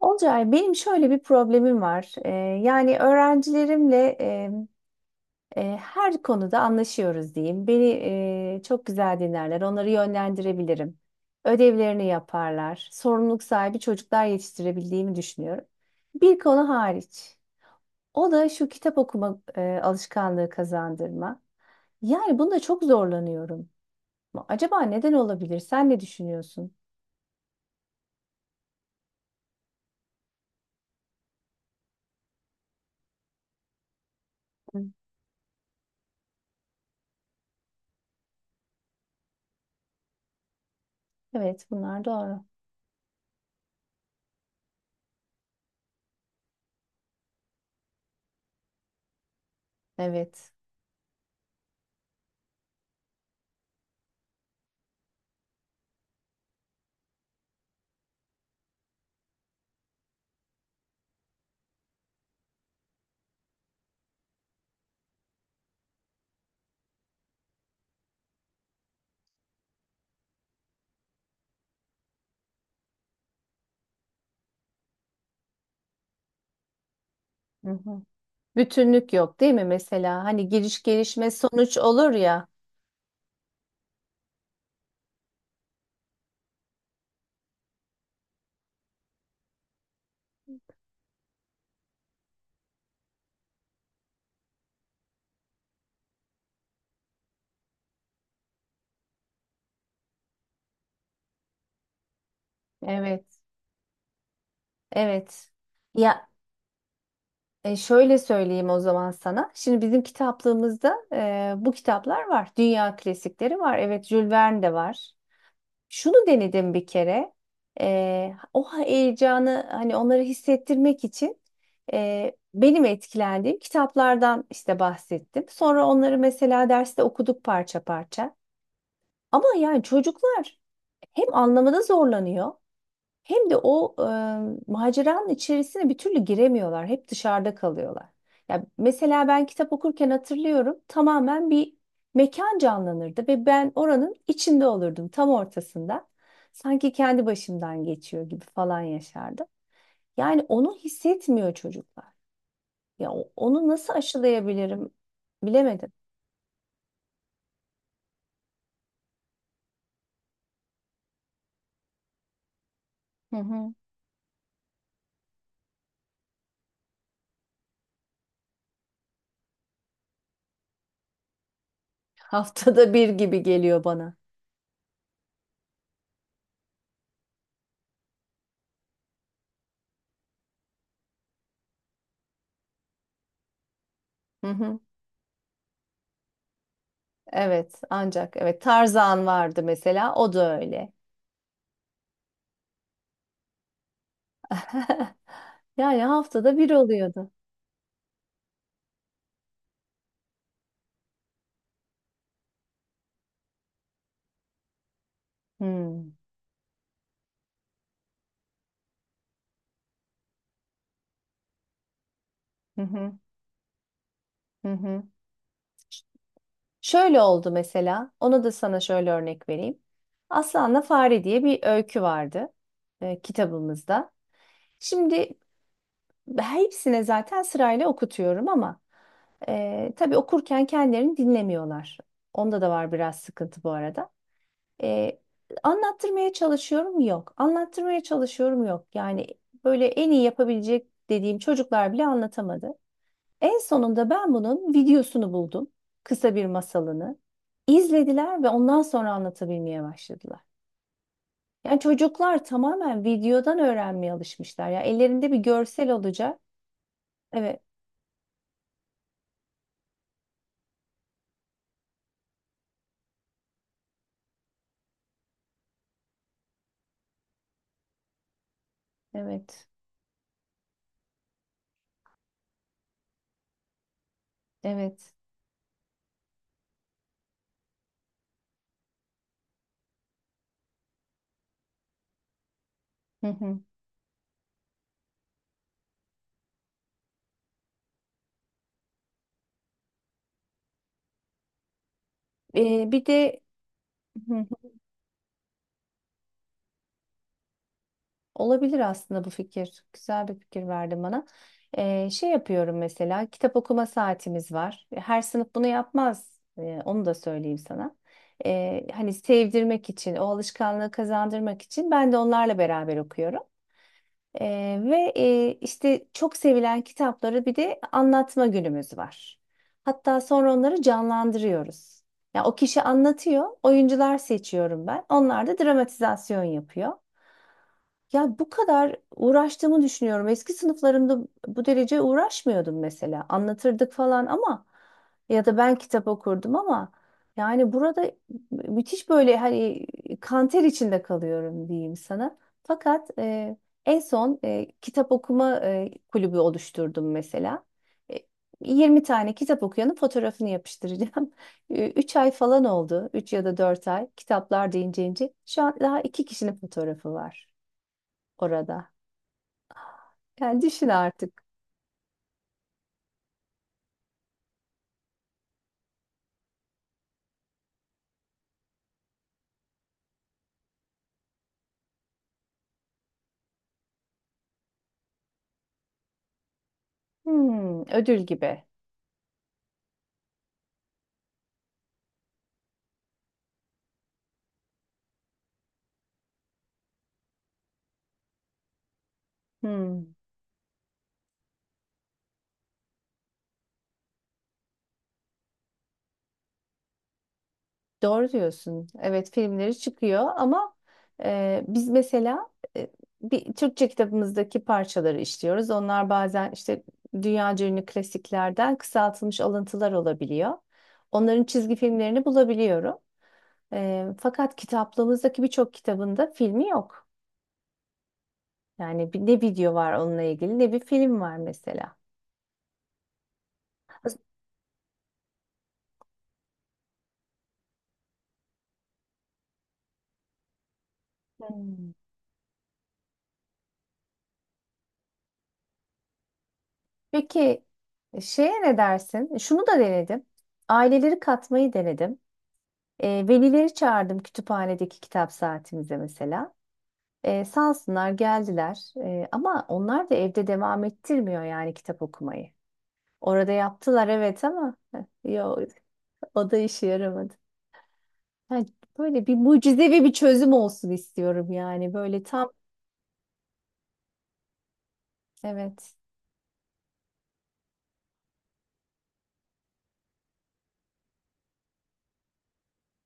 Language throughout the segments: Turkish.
Olcay, benim şöyle bir problemim var. Yani öğrencilerimle her konuda anlaşıyoruz diyeyim. Beni çok güzel dinlerler, onları yönlendirebilirim. Ödevlerini yaparlar. Sorumluluk sahibi çocuklar yetiştirebildiğimi düşünüyorum. Bir konu hariç. O da şu kitap okuma alışkanlığı kazandırma. Yani bunda çok zorlanıyorum. Acaba neden olabilir? Sen ne düşünüyorsun? Hı. Evet, bunlar doğru. Evet. Bütünlük yok değil mi mesela? Hani giriş gelişme sonuç olur ya. Evet. Evet. Ya şöyle söyleyeyim o zaman sana. Şimdi bizim kitaplığımızda bu kitaplar var. Dünya klasikleri var. Evet, Jules Verne de var. Şunu denedim bir kere. O heyecanı hani onları hissettirmek için benim etkilendiğim kitaplardan işte bahsettim. Sonra onları mesela derste okuduk parça parça. Ama yani çocuklar hem anlamada zorlanıyor hem de o maceranın içerisine bir türlü giremiyorlar. Hep dışarıda kalıyorlar. Ya mesela ben kitap okurken hatırlıyorum tamamen bir mekan canlanırdı ve ben oranın içinde olurdum tam ortasında. Sanki kendi başımdan geçiyor gibi falan yaşardım. Yani onu hissetmiyor çocuklar. Ya onu nasıl aşılayabilirim bilemedim. Hı hı. Haftada bir gibi geliyor bana. Hı hı. Evet, ancak evet Tarzan vardı mesela o da öyle. Yani haftada bir oluyordu. Hmm. Hı hı, hı hı. Şöyle oldu mesela. Onu da sana şöyle örnek vereyim. Aslanla Fare diye bir öykü vardı kitabımızda. Şimdi hepsine zaten sırayla okutuyorum ama tabii okurken kendilerini dinlemiyorlar. Onda da var biraz sıkıntı bu arada. E, Anlattırmaya çalışıyorum yok. Anlattırmaya çalışıyorum yok. Yani böyle en iyi yapabilecek dediğim çocuklar bile anlatamadı. En sonunda ben bunun videosunu buldum. Kısa bir masalını. İzlediler ve ondan sonra anlatabilmeye başladılar. Yani çocuklar tamamen videodan öğrenmeye alışmışlar. Ya ellerinde bir görsel olacak. Evet, evet, evet. Hı hı. Bir de olabilir aslında bu fikir. Güzel bir fikir verdin bana. Şey yapıyorum mesela kitap okuma saatimiz var. Her sınıf bunu yapmaz. Onu da söyleyeyim sana. Hani sevdirmek için, o alışkanlığı kazandırmak için ben de onlarla beraber okuyorum. Ve işte çok sevilen kitapları bir de anlatma günümüz var. Hatta sonra onları canlandırıyoruz. Ya o kişi anlatıyor, oyuncular seçiyorum ben. Onlar da dramatizasyon yapıyor. Ya bu kadar uğraştığımı düşünüyorum. Eski sınıflarımda bu derece uğraşmıyordum mesela. Anlatırdık falan ama ya da ben kitap okurdum ama yani burada müthiş böyle hani kanter içinde kalıyorum diyeyim sana. Fakat en son kitap okuma kulübü oluşturdum mesela. E, 20 tane kitap okuyanın fotoğrafını yapıştıracağım. 3 ay falan oldu. Üç ya da 4 ay. Kitaplar deyince ince. Şu an daha 2 kişinin fotoğrafı var orada. Yani düşün artık. Hmm, ödül gibi. Hmm, doğru diyorsun. Evet filmleri çıkıyor ama biz mesela e, bir Türkçe kitabımızdaki parçaları işliyoruz. Onlar bazen işte dünyaca ünlü klasiklerden kısaltılmış alıntılar olabiliyor. Onların çizgi filmlerini bulabiliyorum. Fakat kitaplığımızdaki birçok kitabında filmi yok. Yani ne video var onunla ilgili ne bir film var mesela. Hmm. Peki şeye ne dersin? Şunu da denedim. Aileleri katmayı denedim. Velileri çağırdım kütüphanedeki kitap saatimize mesela. Sağ olsunlar geldiler. Ama onlar da evde devam ettirmiyor yani kitap okumayı. Orada yaptılar evet ama heh, yo, o da işe yaramadı. Yani böyle bir mucizevi bir çözüm olsun istiyorum yani. Böyle tam evet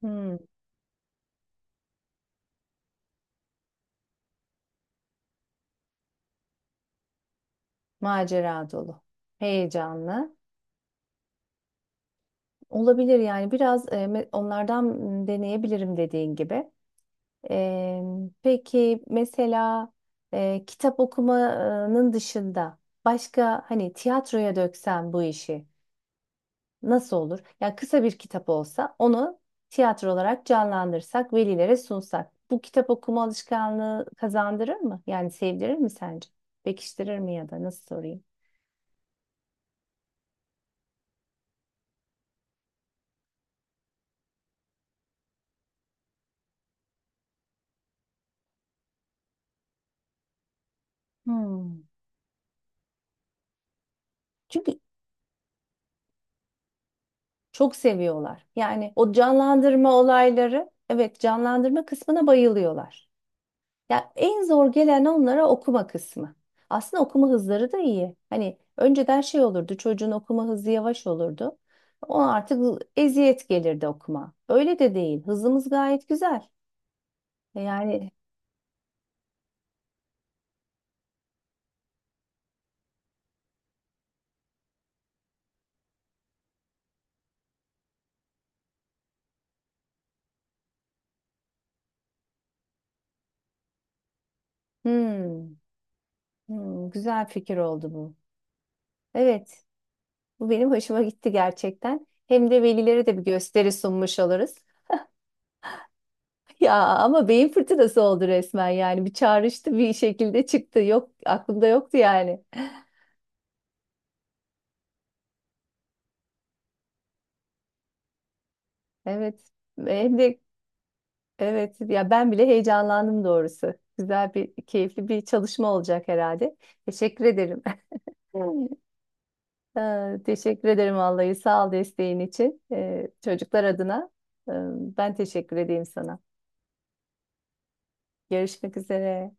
hmm, macera dolu, heyecanlı. Olabilir yani biraz onlardan deneyebilirim dediğin gibi. E, peki mesela kitap okumanın dışında başka hani tiyatroya döksem bu işi nasıl olur? Yani kısa bir kitap olsa onu tiyatro olarak canlandırsak, velilere sunsak. Bu kitap okuma alışkanlığı kazandırır mı? Yani sevdirir mi sence? Pekiştirir mi ya da nasıl sorayım? Hmm. Çünkü çok seviyorlar. Yani o canlandırma olayları, evet canlandırma kısmına bayılıyorlar. Ya en zor gelen onlara okuma kısmı. Aslında okuma hızları da iyi. Hani önceden şey olurdu, çocuğun okuma hızı yavaş olurdu. Ona artık eziyet gelirdi okuma. Öyle de değil. Hızımız gayet güzel. Yani hmm, hmm, güzel fikir oldu bu. Evet, bu benim hoşuma gitti gerçekten. Hem de velilere de bir gösteri sunmuş oluruz. Ya ama beyin fırtınası oldu resmen yani bir çağrıştı bir şekilde çıktı yok aklımda yoktu yani. Evet hem de evet ya ben bile heyecanlandım doğrusu. Güzel bir keyifli bir çalışma olacak herhalde. Teşekkür ederim. Evet. Teşekkür ederim vallahi sağ ol desteğin için. Çocuklar adına e, ben teşekkür edeyim sana. Görüşmek üzere.